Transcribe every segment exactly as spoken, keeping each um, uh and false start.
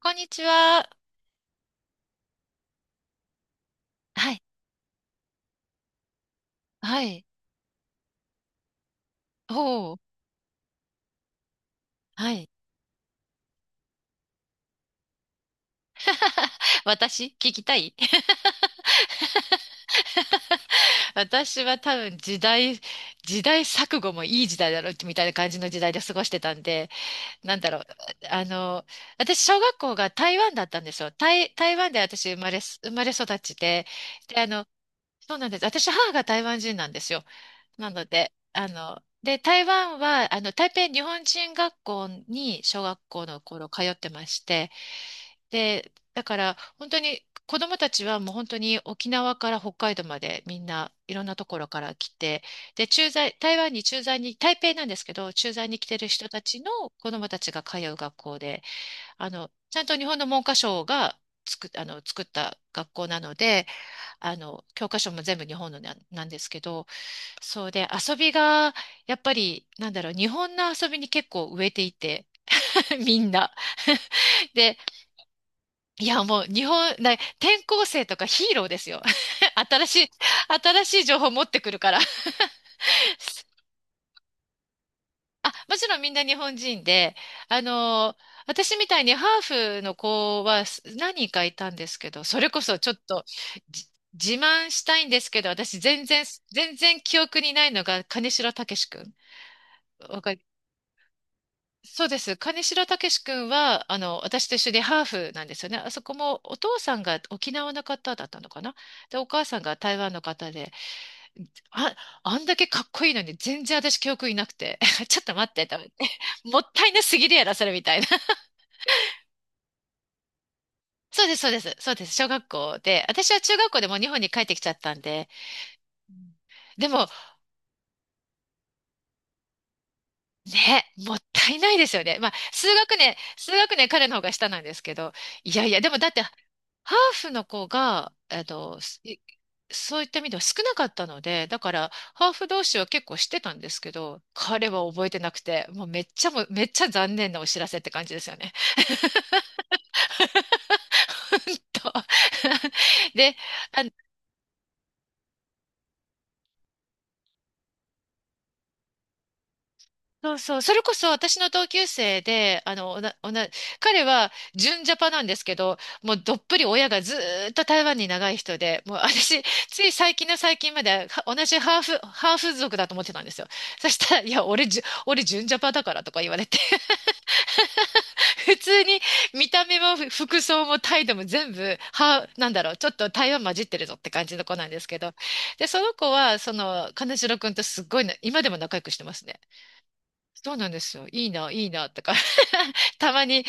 こんにちは。はい。はい。おー。はい。私聞きたい。 私は多分時代、時代錯誤もいい時代だろうみたいな感じの時代で過ごしてたんで、なんだろう。あの、私、小学校が台湾だったんですよ。台、台湾で私生まれ、生まれ育ちで、で、あの、そうなんです。私、母が台湾人なんですよ。なので、あの、で、台湾は、あの、台北日本人学校に小学校の頃通ってまして、で、だから本当に子供たちはもう本当に沖縄から北海道までみんないろんなところから来て、で、駐在、台湾に駐在に、台北なんですけど、駐在に来てる人たちの子供たちが通う学校で、あの、ちゃんと日本の文科省が作っ、あの、作った学校なので、あの、教科書も全部日本のな、なんですけど、そうで、遊びが、やっぱり、なんだろう、日本の遊びに結構植えていて、みんな。で、いや、もう、日本、な、転校生とかヒーローですよ。新しい、新しい情報持ってくるから。あ、もちろんみんな日本人で、あの、私みたいにハーフの子はす何人かいたんですけど、それこそちょっと、じ自慢したいんですけど、私全然、全然記憶にないのが、金城武志くん。わかそうです。金城武志君は、あの、私と一緒でハーフなんですよね。あそこもお父さんが沖縄の方だったのかな。で、お母さんが台湾の方で、あ、あんだけかっこいいのに全然私記憶いなくて、ちょっと待ってと思って、もったいなすぎるやろ、それみたいな。そうです、そうです、そうです。小学校で、私は中学校でもう日本に帰ってきちゃったんで、うん。でも、ね、もったいないですよね。まあ、数学年、数学年彼の方が下なんですけど、いやいや、でもだってハーフの子が、えっと、すいそういった意味では少なかったので、だから、ハーフ同士は結構知ってたんですけど、彼は覚えてなくて、もうめっちゃも、めっちゃ残念なお知らせって感じですよね。ほんと。 で、あ、そうそう。それこそ私の同級生で、あの、おな、おな、彼は純ジャパなんですけど、もうどっぷり親がずーっと台湾に長い人で、もう私、つい最近の最近までは同じハーフ、ハーフ族だと思ってたんですよ。そしたら、いや、俺じゅ、俺純ジャパだからとか言われて、普通に見た目もふ服装も態度も全部、は、なんだろう、ちょっと台湾混じってるぞって感じの子なんですけど、で、その子は、その、金城くんとすっごいな、今でも仲良くしてますね。そうなんですよ。いいな、いいな、とか。 たまに、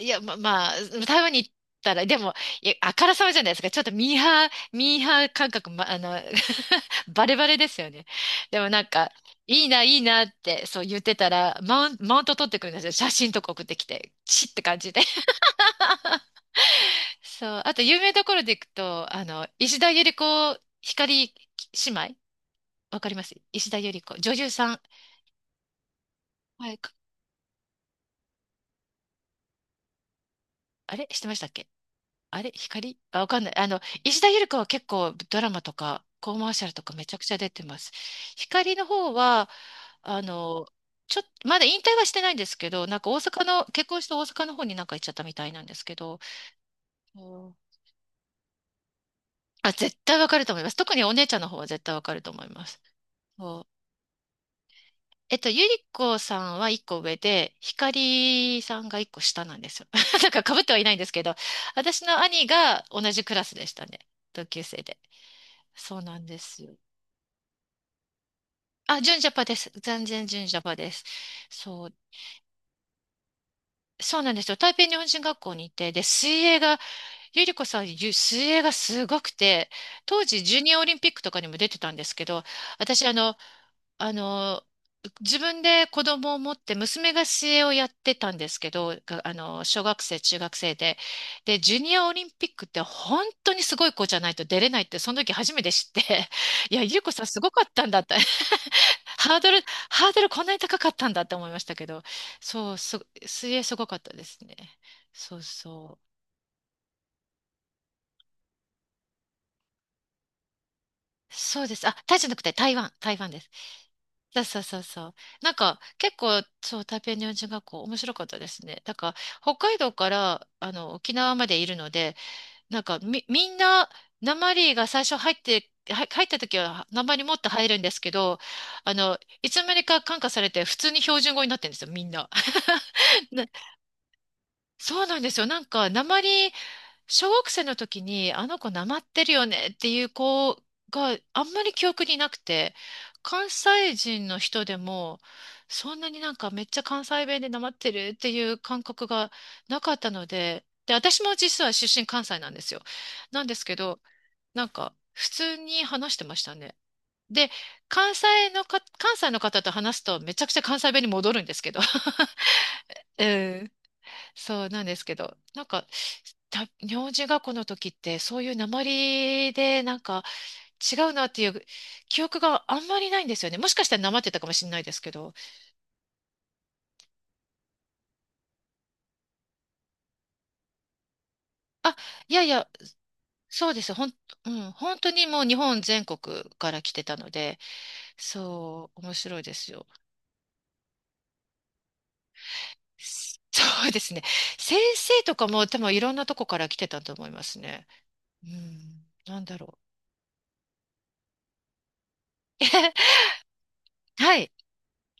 いや、ま、まあ、台湾に行ったら、でも、いや、あからさまじゃないですか。ちょっとミーハー、ミーハー感覚、ま、あの、バレバレですよね。でもなんか、いいな、いいなって、そう言ってたら、マウン、マウント取ってくるんですよ。写真とか送ってきて、チッって感じで。そう。あと、有名どころで行くと、あの、石田ゆり子、光姉妹、わかります？石田ゆり子。女優さん。はい。あれしてましたっけ？あれ、光あ、わかんない。あの、石田ゆり子は結構ドラマとかコマーシャルとかめちゃくちゃ出てます。光の方は、あの、ちょっと、まだ引退はしてないんですけど、なんか大阪の、結婚して大阪の方になんか行っちゃったみたいなんですけど、そう、あ、絶対わかると思います。特にお姉ちゃんの方は絶対わかると思います。そう。えっと、ゆり子さんは一個上で、光さんが一個下なんですよ。なんか被ってはいないんですけど、私の兄が同じクラスでしたね。同級生で。そうなんですよ。あ、純ジャパです。全然純ジャパです。そう、そうなんですよ。台北日本人学校にいて、で、水泳が、ゆりこさん、ゆ水泳がすごくて、当時、ジュニアオリンピックとかにも出てたんですけど、私、あの、あの、自分で子供を持って、娘が水泳をやってたんですけど、があの、小学生、中学生で。で、ジュニアオリンピックって本当にすごい子じゃないと出れないって、その時初めて知って、いや、ゆりこさんすごかったんだって。ハードル、ハードルこんなに高かったんだって思いましたけど、そう、す、水泳すごかったですね。そうそう。そうです。あ、タイじゃなくて台湾、台湾です。そうそうそうそう。なんか結構、そう、台北日本人学校面白かったですね。だから北海道からあの沖縄までいるので、なんかみ、みんな、訛りが最初入って、は入った時は訛り持って入るんですけど、あの、いつの間にか感化されて普通に標準語になってるんですよ、みんな。なそうなんですよ。なんか、訛り、小学生の時にあの子なまってるよねっていう子があんまり記憶になくて、関西人の人でもそんなになんかめっちゃ関西弁でなまってるっていう感覚がなかったので、で、私も実は出身関西なんですよ。なんですけど、なんか普通に話してましたね。で、関西のか、関西の方と話すとめちゃくちゃ関西弁に戻るんですけど。うん。そうなんですけど、なんか、た名字がこの時って、そういう訛りで、なんか違うなっていう記憶があんまりないんですよね。もしかしたら訛ってたかもしれないですけど。あ、いやいや、そうです。ほん、うん、本当にもう日本全国から来てたので、そう、面白いですよ。そうですね。先生とかも多分いろんなとこから来てたと思いますね。うん、なんだろう。はい。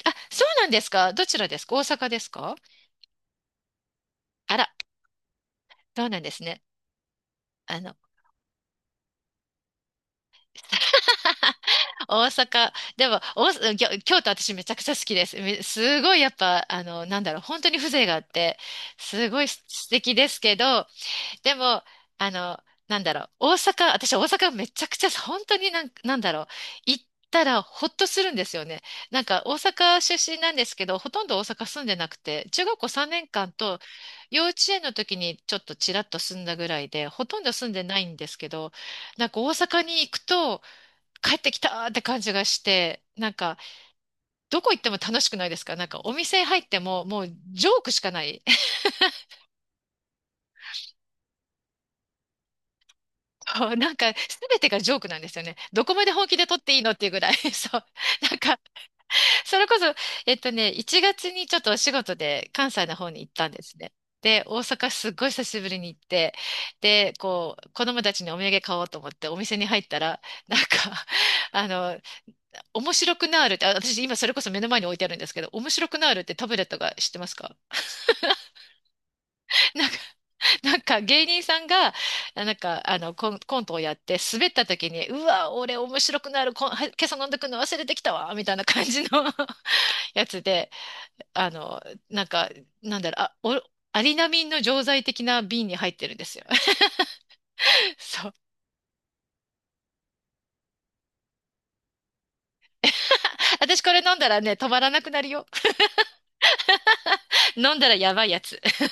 あ、そうなんですか？どちらですか？大阪ですか？あら。そうなんですね。あの、大阪、でも、大阪、ぎょ京都私めちゃくちゃ好きです。めすごいやっぱ、あの、なんだろう、本当に風情があって、すごいす素敵ですけど、でも、あの、なんだろう、大阪、私大阪めちゃくちゃ、本当になんか、なんだろう、行ったらほっとするんですよね。なんか大阪出身なんですけど、ほとんど大阪住んでなくて、中学校さんねんかんと幼稚園の時にちょっとちらっと住んだぐらいで、ほとんど住んでないんですけど、なんか大阪に行くと帰ってきたーって感じがして、なんかどこ行っても楽しくないですか？なんかお店入ってももうジョークしかない。そう、なんか、すべてがジョークなんですよね。どこまで本気で撮っていいのっていうぐらい。そう。なんか、それこそ、えっとね、いちがつにちょっとお仕事で関西の方に行ったんですね。で、大阪すっごい久しぶりに行って、で、こう、子供たちにお土産買おうと思ってお店に入ったら、なんか、あの、面白くなーるって、あ私今それこそ目の前に置いてあるんですけど、面白くなーるってタブレットが知ってますか？なんか なんか芸人さんが、あなんかあのコン、コントをやって滑った時に、うわ、俺面白くなる、こん、は今朝飲んでくの忘れてきたわ、みたいな感じの やつで、あの、なんか、なんだろう、あ、お、アリナミンの錠剤的な瓶に入ってるんですよ。そう。私これ飲んだらね、止まらなくなるよ。飲んだらやばいやつ。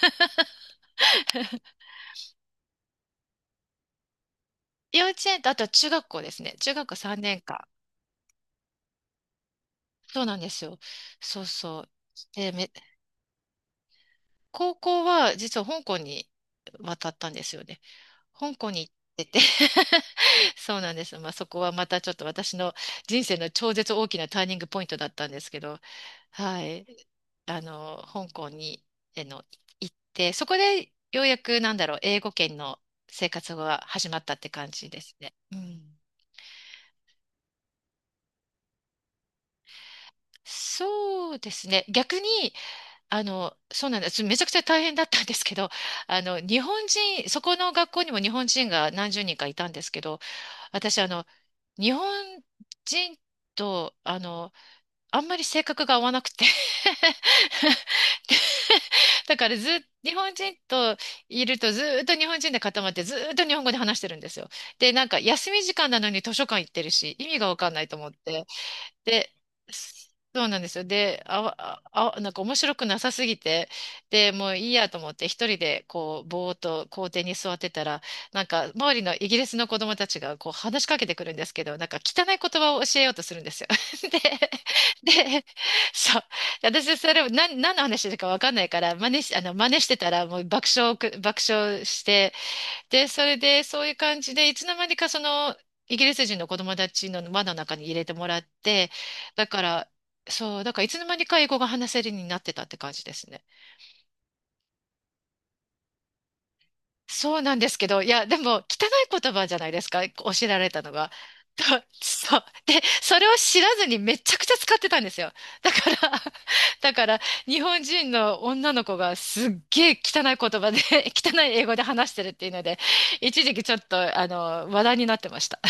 幼稚園と、あとは中学校ですね。中学校さんねんかん。そうなんですよ。そうそう。で、め、高校は実は香港に渡ったんですよね。香港に行ってて そうなんです。まあ、そこはまたちょっと私の人生の超絶大きなターニングポイントだったんですけど、はい。あの、香港に、あの、行って、そこでようやくなんだろう、英語圏の生活が始まったって感じですね。うん。そうですね。逆にあの、そうなんです。めちゃくちゃ大変だったんですけど、あの、日本人、そこの学校にも日本人が何十人かいたんですけど、私、あの、日本人と、あの、あんまり性格が合わなくて でだからずっ、日本人といるとずっと日本人で固まってずっと日本語で話してるんですよ。で、なんか休み時間なのに図書館行ってるし、意味がわかんないと思って。で、そうなんですよ。で、あわ、あ、あなんか面白くなさすぎて、で、もういいやと思って一人でこう、ぼーっと校庭に座ってたら、なんか周りのイギリスの子供たちがこう話しかけてくるんですけど、なんか汚い言葉を教えようとするんですよ。で、で、そう。私、それを何、何の話だかわかんないから、真似し、あの、真似してたら、もう爆笑をく、爆笑して、で、それで、そういう感じで、いつの間にかその、イギリス人の子供たちの輪の中に入れてもらって、だから、そう、だからいつの間にか英語が話せるようになってたって感じですね。そうなんですけど、いや、でも、汚い言葉じゃないですか、教えられたのが。とそう。で、それを知らずにめちゃくちゃ使ってたんですよ。だから、だから、日本人の女の子がすっげえ汚い言葉で、汚い英語で話してるっていうので、一時期ちょっと、あの、話題になってました。